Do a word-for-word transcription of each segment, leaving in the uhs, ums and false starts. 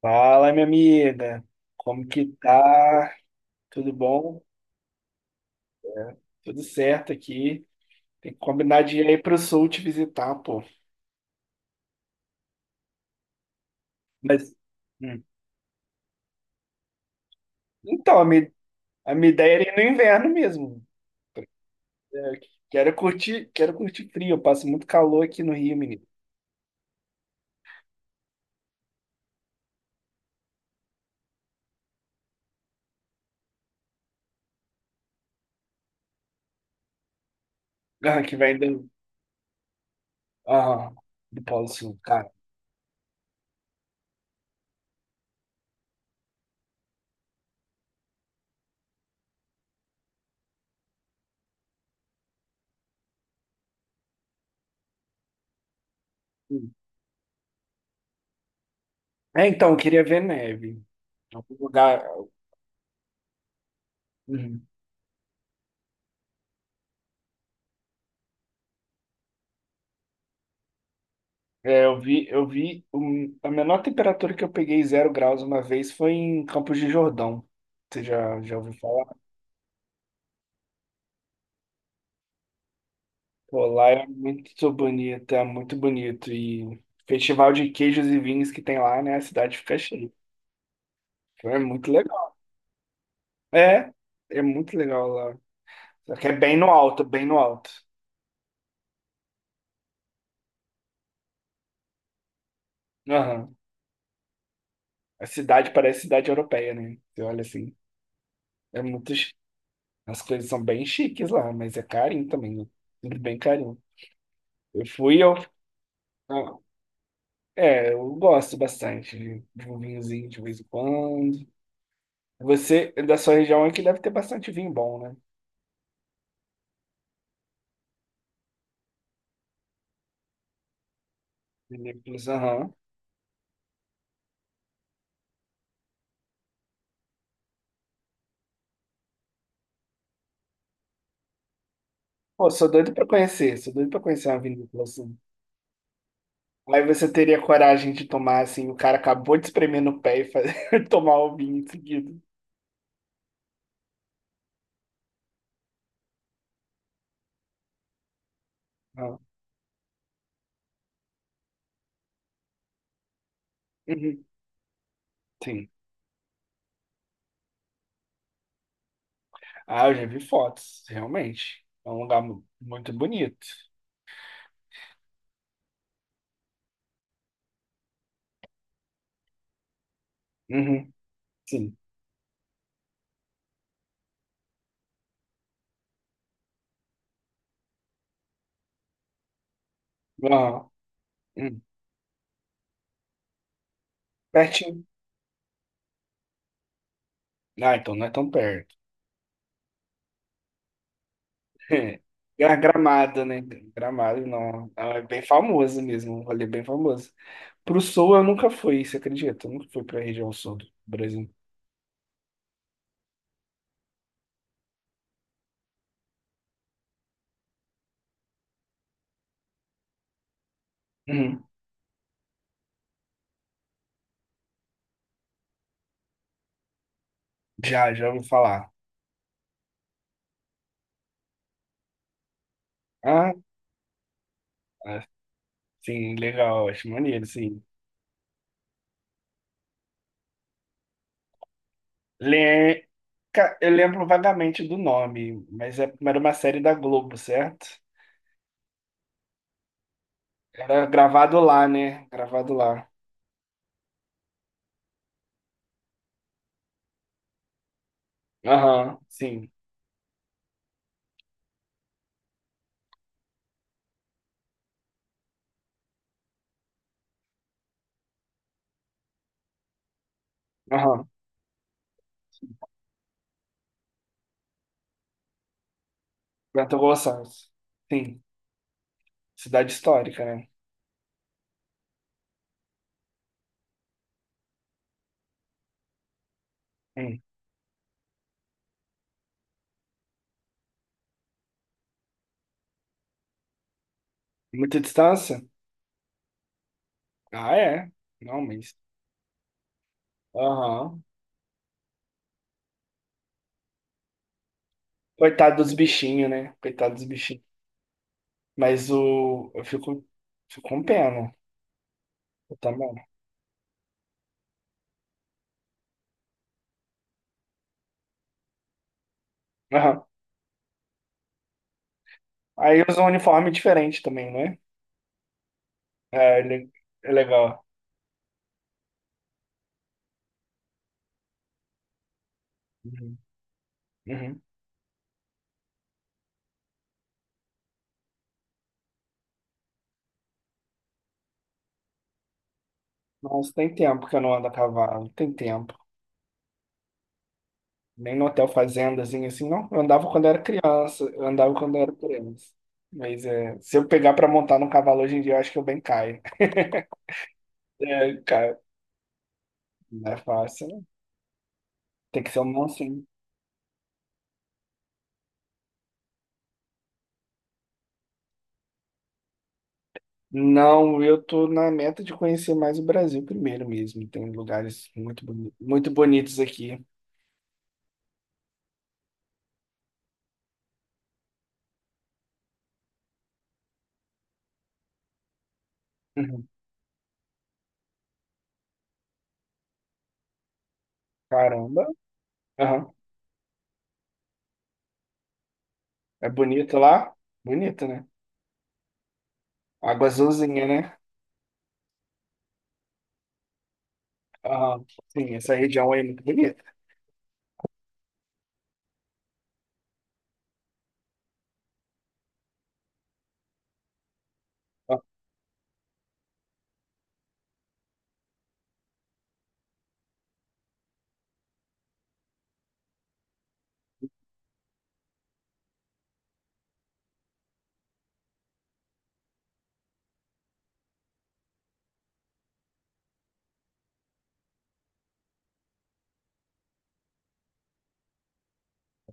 Fala, minha amiga. Como que tá? Tudo bom? Tudo certo aqui. Tem que combinar de ir aí pro sul te visitar, pô. Mas. Hum. Então, a minha, a minha ideia era ir no inverno mesmo. É, quero curtir, quero curtir frio. Eu passo muito calor aqui no Rio, menino. Ah, que vem do, ah, do Polo Sul, cara. Hum. É, então, eu queria ver neve. Algum lugar. Hum. É, eu vi, eu vi um- a menor temperatura que eu peguei, zero graus uma vez, foi em Campos de Jordão. Você já, já ouviu falar? Pô, lá é muito bonito, é muito bonito. E festival de queijos e vinhos que tem lá, né? A cidade fica cheia. Então é muito legal. É, é muito legal lá. Só que é bem no alto, bem no alto. Aham. A cidade parece cidade europeia, né? Você olha assim, é muito. chi- As coisas são bem chiques lá, mas é carinho também, né? Tudo bem carinho. Eu fui, eu. Ah, é, eu gosto bastante de de um vinhozinho de vez em quando. Você, da sua região aqui, deve ter bastante vinho bom, né? Vinícolas, aham. Pô, sou doido pra conhecer, sou doido pra conhecer uma vinícola assim. Aí você teria coragem de tomar, assim, o cara acabou de espremer no pé e fazer, tomar o vinho em seguida. Aham. Uhum. Sim. Ah, eu já vi fotos, realmente. É um lugar mu- muito bonito. Uhum. Sim. Aham. Uhum. Pertinho. Ah, então não é tão perto. É. Gra- Gramado, né? Gramado, não. Não, é bem famosa mesmo, um rolê bem famoso. Pro sul eu nunca fui, você acredita? Eu nunca fui pra região sul do Brasil. Uhum. Já, já ouvi falar. Ah, ah, sim, legal, acho maneiro, sim. Le... Ca- Eu lembro vagamente do nome, mas é- era uma série da Globo, certo? Era gravado lá, né? Gravado lá. Aham, sim. Aham. Bento Gonçalves. Sim. Cidade histórica, né? Hum. Muita distância? Ah, é. Não, mas. Aham. Coitado dos bichinhos, né? Coitado dos bichinhos. Mas o. Eu fico, fico com pena. Eu também. Aham. Aí usa um uniforme diferente também, né? É, ele- é legal. Uhum. Uhum. Nossa, tem tempo que eu não ando a cavalo. Tem tempo. Nem no hotel fazendazinho assim, não. Eu andava quando era criança. Eu andava quando era criança. Mas é, se eu pegar pra montar no cavalo hoje em dia, eu acho que eu bem caio. É, cara, não é fácil, né? Tem que ser um mansinho. Não, eu tô na meta de conhecer mais o Brasil primeiro mesmo. Tem lugares muito, boni- muito bonitos aqui. Uhum. Caramba. Aham. É bonito lá? Bonito, né? Água azulzinha, né? Aham. Sim, essa região aí é muito bonita. Ah,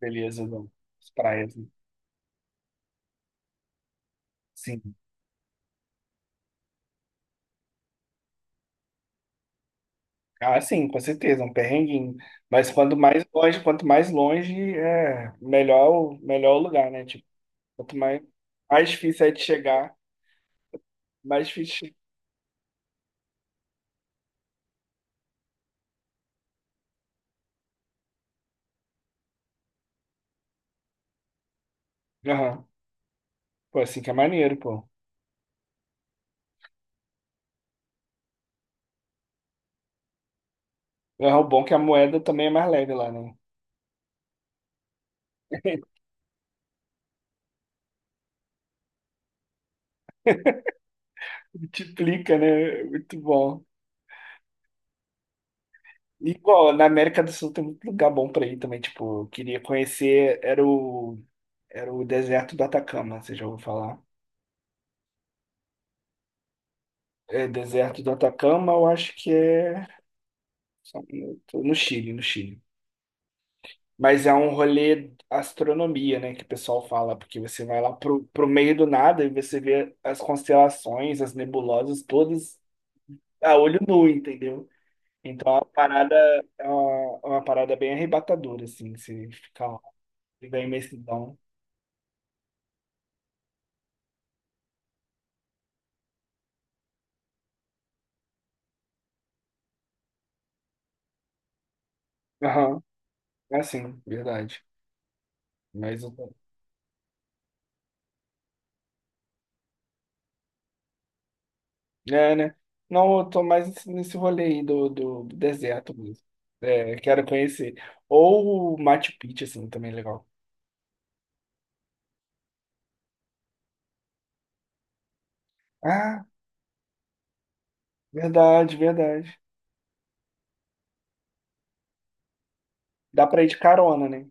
beleza, não. As praias, né? Sim. Ah, sim, com certeza, um perrenguinho. Mas quanto mais longe, quanto mais longe, é melhor, o- melhor o lugar, né? Tipo, quanto mais, mais difícil é de chegar, mais difícil. Aham. Pô, assim que é maneiro, pô. É, o bom é que a moeda também é mais leve lá, né? Multiplica, né? Muito bom. E, bom, na América do Sul tem muito lugar bom pra ir também. Tipo, eu queria conhecer, era o, era o deserto do Atacama, você já ouviu falar? É, deserto do Atacama, eu acho que é só um minuto, no Chile, no Chile. Mas é um rolê astronomia, né, que o pessoal fala, porque você vai lá pro, pro meio do nada e você vê as constelações, as nebulosas, todas a olho nu, entendeu? Então, a parada, é uma, é uma parada bem arrebatadora, assim, você ficar lá, da imensidão. Aham, é assim, verdade. Mas eu tô... É, né? Não, eu tô mais nesse nesse rolê aí do, do deserto mesmo. É, quero conhecer. Ou o Machu Picchu, assim, também é legal. Ah, verdade, verdade. Dá pra ir de carona, né?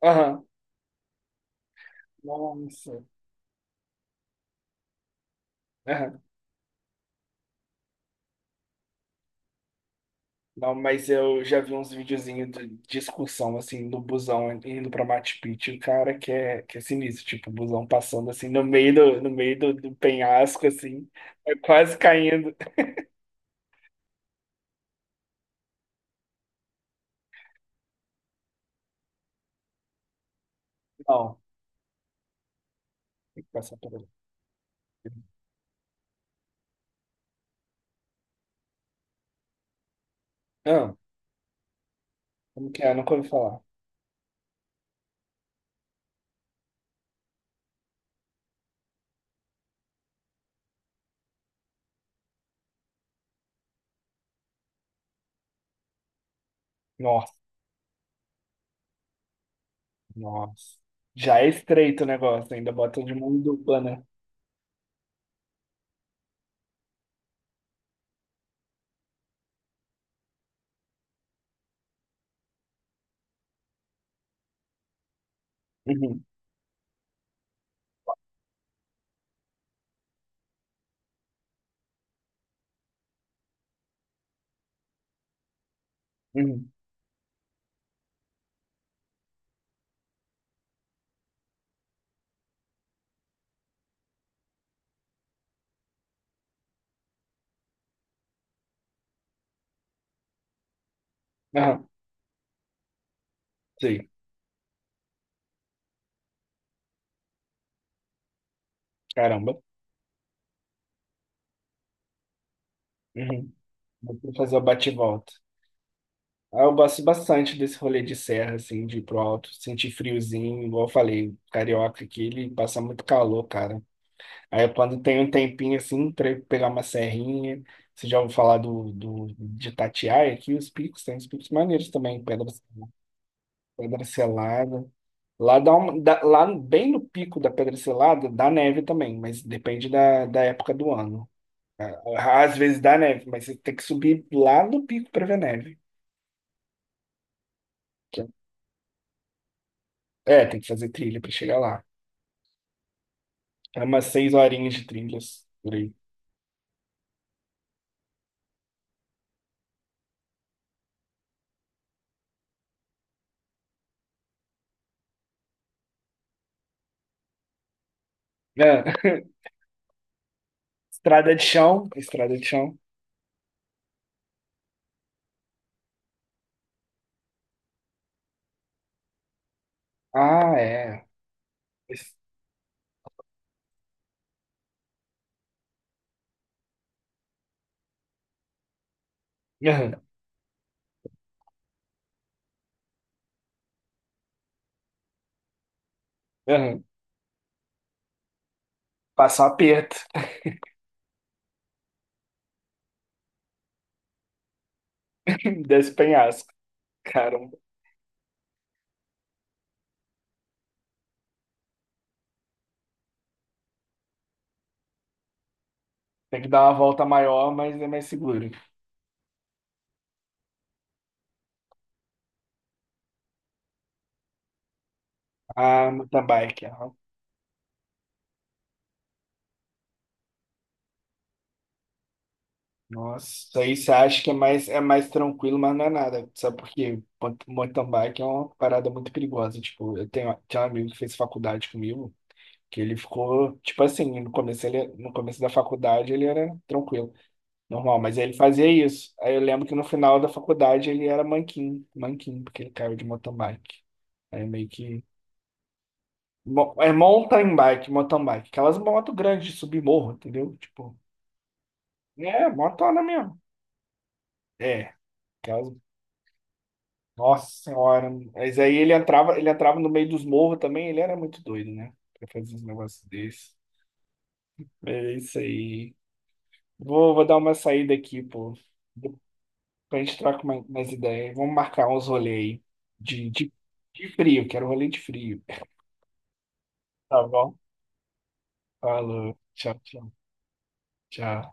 Aham. Nossa. Aham. Não, mas eu já vi uns videozinhos de de excursão, assim, no busão indo pra Machu Picchu, cara, que é, que é sinistro, tipo, o busão passando, assim, no meio do, no meio do, do penhasco, assim, é quase caindo. Não, tem que passar por ali. Ah, como que é? Nunca ouvi falar. Nossa, nossa. Já é estreito o negócio, ainda botam de mundo urbana. Uhum, uhum. Aham, sei. Caramba. Uhum. Vou fazer o bate-volta. Ah, eu gosto bastante desse rolê de serra, assim, de ir pro alto, sentir friozinho, igual eu falei, carioca aqui, ele passa muito calor, cara. Aí quando tem um tempinho, assim, pra eu pegar uma serrinha, você já ouviu falar do, do, de Itatiaia aqui, os picos, tem os picos maneiros também, Pedra, Pedra Selada. Lá dá uma, dá- lá bem no pico da Pedra Selada, dá neve também, mas depende da, da época do ano. Às vezes dá neve, mas você tem que subir lá no pico pra ver neve. que É, é, tem que fazer trilha pra chegar lá. É umas seis horinhas de trilhas por aí. É. Estrada de chão, estrada de chão. Ah, é. Es- Aham, aham. Passa um aperto desse penhasco. Caramba. Tem que dar uma volta maior, mas é mais seguro. Ah, mountain bike. Aham. Nossa, isso aí você acha que é mais, é mais tranquilo, mas não é nada. Sabe por quê? Mount- Mountain bike é uma parada muito perigosa. Tipo, eu tenho, tinha um amigo que fez faculdade comigo, que ele ficou, tipo assim, no começo, ele, no começo da faculdade ele era tranquilo, normal, mas ele fazia isso. Aí eu lembro que no final da faculdade ele era manquinho, manquinho, porque ele caiu de mountain bike. Aí meio que. mo- É mountain bike, mountain bike. Aquelas motos grandes de subir morro, entendeu? Tipo, é, motona mesmo. É, aquelas. Nossa senhora. Mas aí ele entrava, ele entrava no meio dos morros também, ele era muito doido, né? Pra fazer uns negócios desses. É isso aí. Vou, vou dar uma saída aqui, pô. A gente trocar mais, mais ideia. Vamos marcar uns rolês aí de, de, de frio, quero rolê de frio. Tá bom? Falou. Tchau, tchau, tchau.